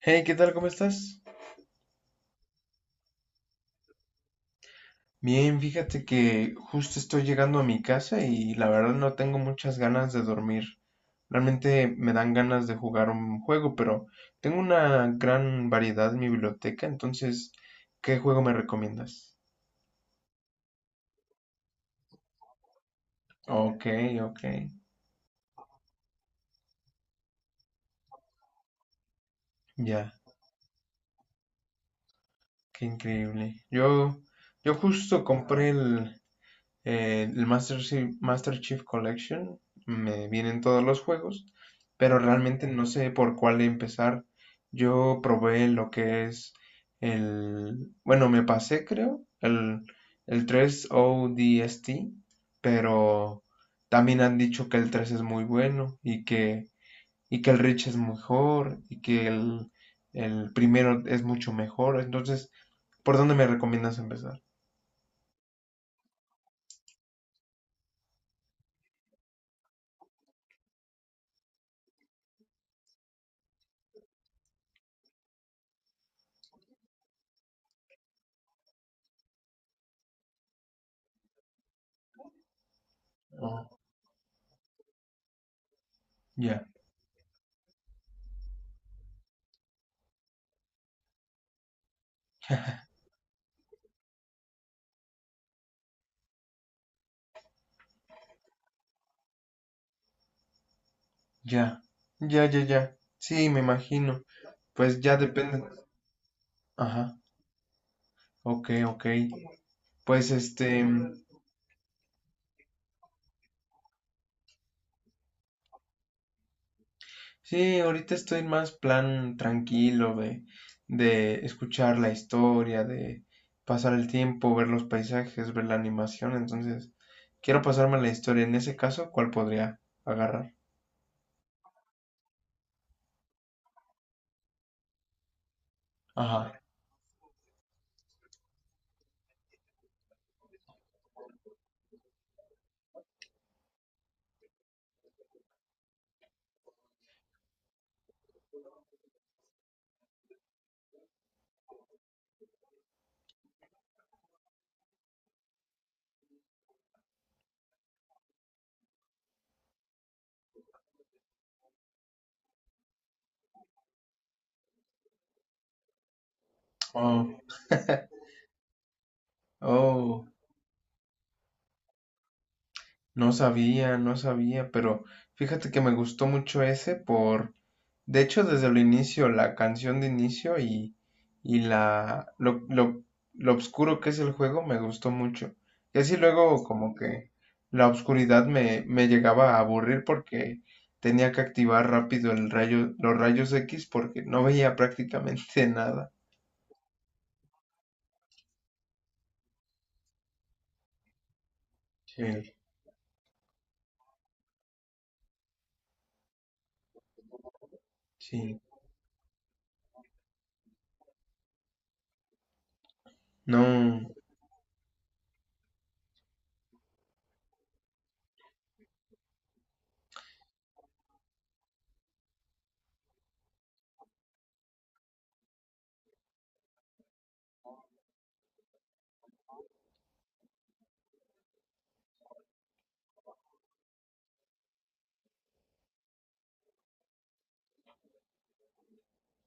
Hey, ¿qué tal? ¿Cómo estás? Bien, fíjate que justo estoy llegando a mi casa y la verdad no tengo muchas ganas de dormir. Realmente me dan ganas de jugar un juego, pero tengo una gran variedad en mi biblioteca, entonces, ¿qué juego me recomiendas? Ok, ok, ya, qué increíble. Yo justo compré el Master Chief, Master Chief Collection, me vienen todos los juegos, pero realmente no sé por cuál empezar. Yo probé lo que es bueno, me pasé creo, el 3 ODST, pero también han dicho que el 3 es muy bueno y que el Rich es mejor y que el primero es mucho mejor. Entonces, ¿por dónde me recomiendas empezar? Oh, ya. Ya, ya, ya, ya. Sí, me imagino. Pues ya depende. Ajá, ok, ok. Pues este, sí, ahorita estoy en más plan tranquilo de escuchar la historia, de pasar el tiempo, ver los paisajes, ver la animación. Entonces, quiero pasarme la historia. En ese caso, ¿cuál podría agarrar? Ajá. Oh, oh, no sabía, no sabía, pero fíjate que me gustó mucho ese por. De hecho, desde el inicio, la canción de inicio y lo oscuro que es el juego me gustó mucho. Y así luego como que la oscuridad me llegaba a aburrir porque tenía que activar rápido los rayos X porque no veía prácticamente nada. Sí. Sí, no,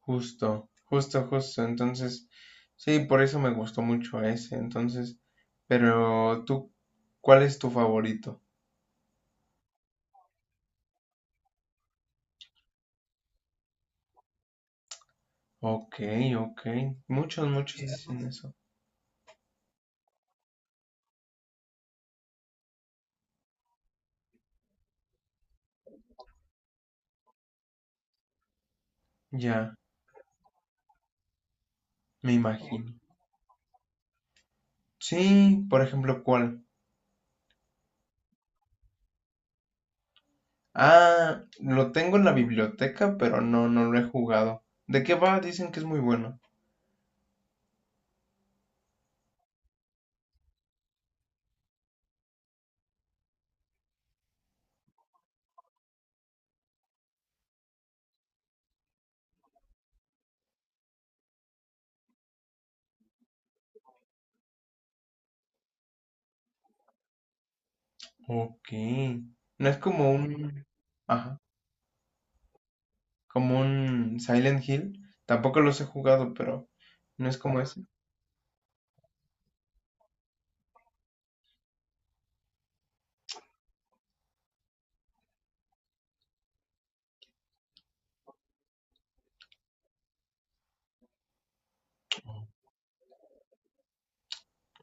justo, justo, justo. Entonces, sí, por eso me gustó mucho ese. Entonces, pero tú, ¿cuál es tu favorito? Ok, ok. Muchos, muchos Era dicen eso. Ya, me imagino. Sí, por ejemplo, ¿cuál? Ah, lo tengo en la biblioteca, pero no, no lo he jugado. ¿De qué va? Dicen que es muy bueno. Ok. No es como un... Ajá, como un Silent Hill. Tampoco los he jugado, pero no es como ese.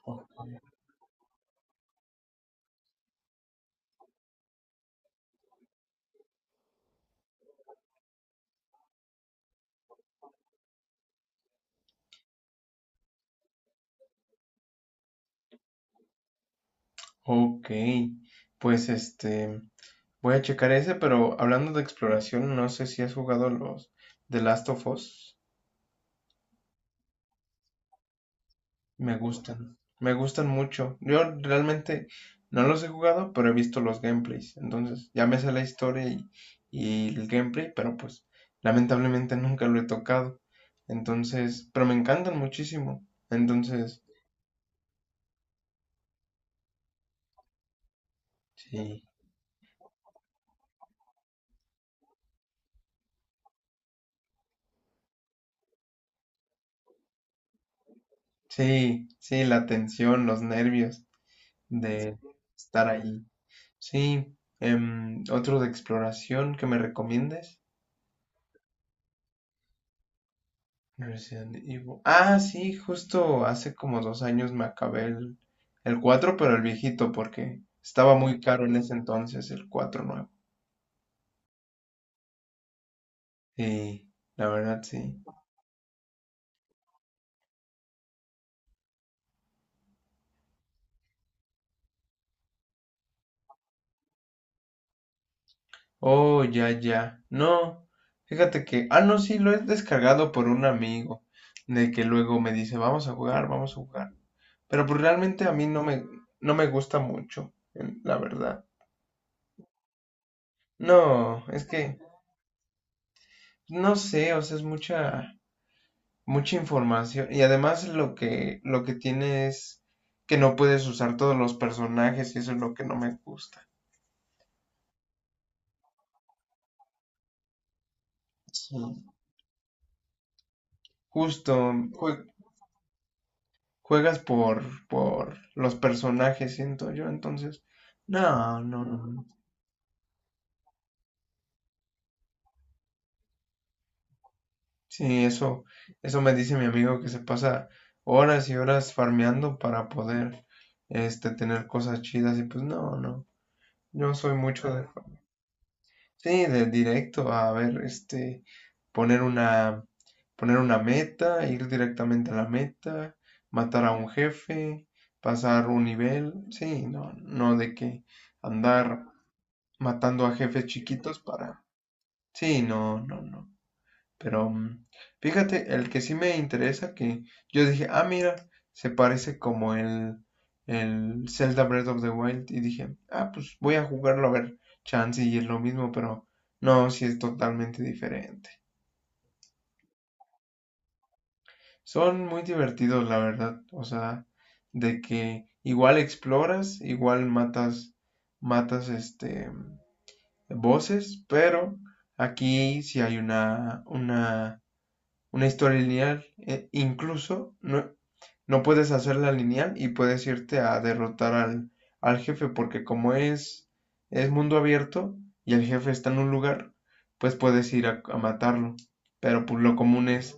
Oh, ok, pues este, voy a checar ese, pero hablando de exploración, no sé si has jugado los The Last of Us. Me gustan mucho. Yo realmente no los he jugado, pero he visto los gameplays. Entonces, ya me sé la historia y el gameplay, pero pues lamentablemente nunca lo he tocado. Entonces, pero me encantan muchísimo. Entonces, sí, sí, sí, la tensión, los nervios de estar ahí. Sí, otro de exploración que me recomiendes. Resident Evil. Ah, sí, justo hace como 2 años me acabé el cuatro, pero el viejito, porque estaba muy caro en ese entonces el 4 nuevo. Sí, la verdad sí. Oh, ya, ya. No, fíjate que. Ah, no, sí, lo he descargado por un amigo, de que luego me dice, vamos a jugar, vamos a jugar. Pero pues realmente a mí no me gusta mucho, la verdad. No, es que, no sé, o sea, es mucha información. Y además lo que tiene es que no puedes usar todos los personajes y eso es lo que no me gusta. Sí. Justo juegas por los personajes, siento yo, entonces. No, no, no, no. Sí, eso me dice mi amigo que se pasa horas y horas farmeando para poder este tener cosas chidas y pues no, no. Yo soy mucho de. Sí, de directo a ver, este, poner una, poner una meta, ir directamente a la meta, matar a un jefe, pasar un nivel, sí, no, no de que andar matando a jefes chiquitos para, sí, no, no, no. Pero fíjate, el que sí me interesa, que yo dije, ah, mira, se parece como el Zelda Breath of the Wild. Y dije, ah, pues voy a jugarlo a ver, chance y es lo mismo, pero no, sí es totalmente diferente. Son muy divertidos, la verdad. O sea, de que igual exploras, igual matas voces, pero aquí sí hay una, una historia lineal. E incluso no, puedes hacerla lineal y puedes irte a derrotar al jefe, porque como es mundo abierto y el jefe está en un lugar, pues puedes ir a matarlo. Pero pues lo común es,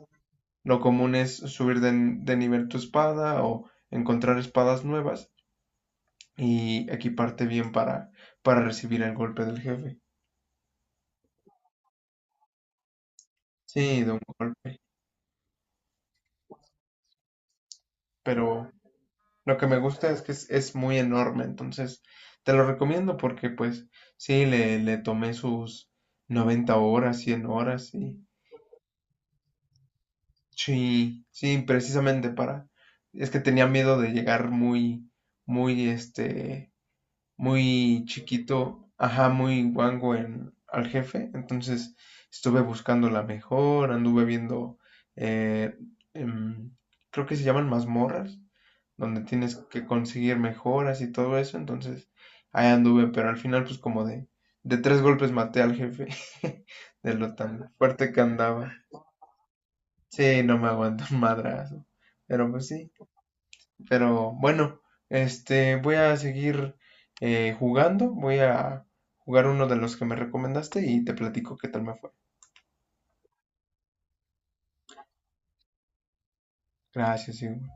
lo común es subir de nivel tu espada o encontrar espadas nuevas y equiparte bien para recibir el golpe del jefe. Sí, de un golpe. Pero lo que me gusta es que es muy enorme, entonces te lo recomiendo porque pues sí, le tomé sus 90 horas, 100 horas y sí, sí, precisamente para... Es que tenía miedo de llegar muy, muy, este, muy chiquito, ajá, muy guango al jefe. Entonces estuve buscando la mejor, anduve viendo, eh, em, creo que se llaman mazmorras, donde tienes que conseguir mejoras y todo eso. Entonces ahí anduve, pero al final pues como de, tres golpes maté al jefe de lo tan fuerte que andaba. Sí, no me aguanto un madrazo. Pero pues sí. Pero bueno, este, voy a seguir jugando. Voy a jugar uno de los que me recomendaste y te platico qué tal me fue. Gracias, Hugo.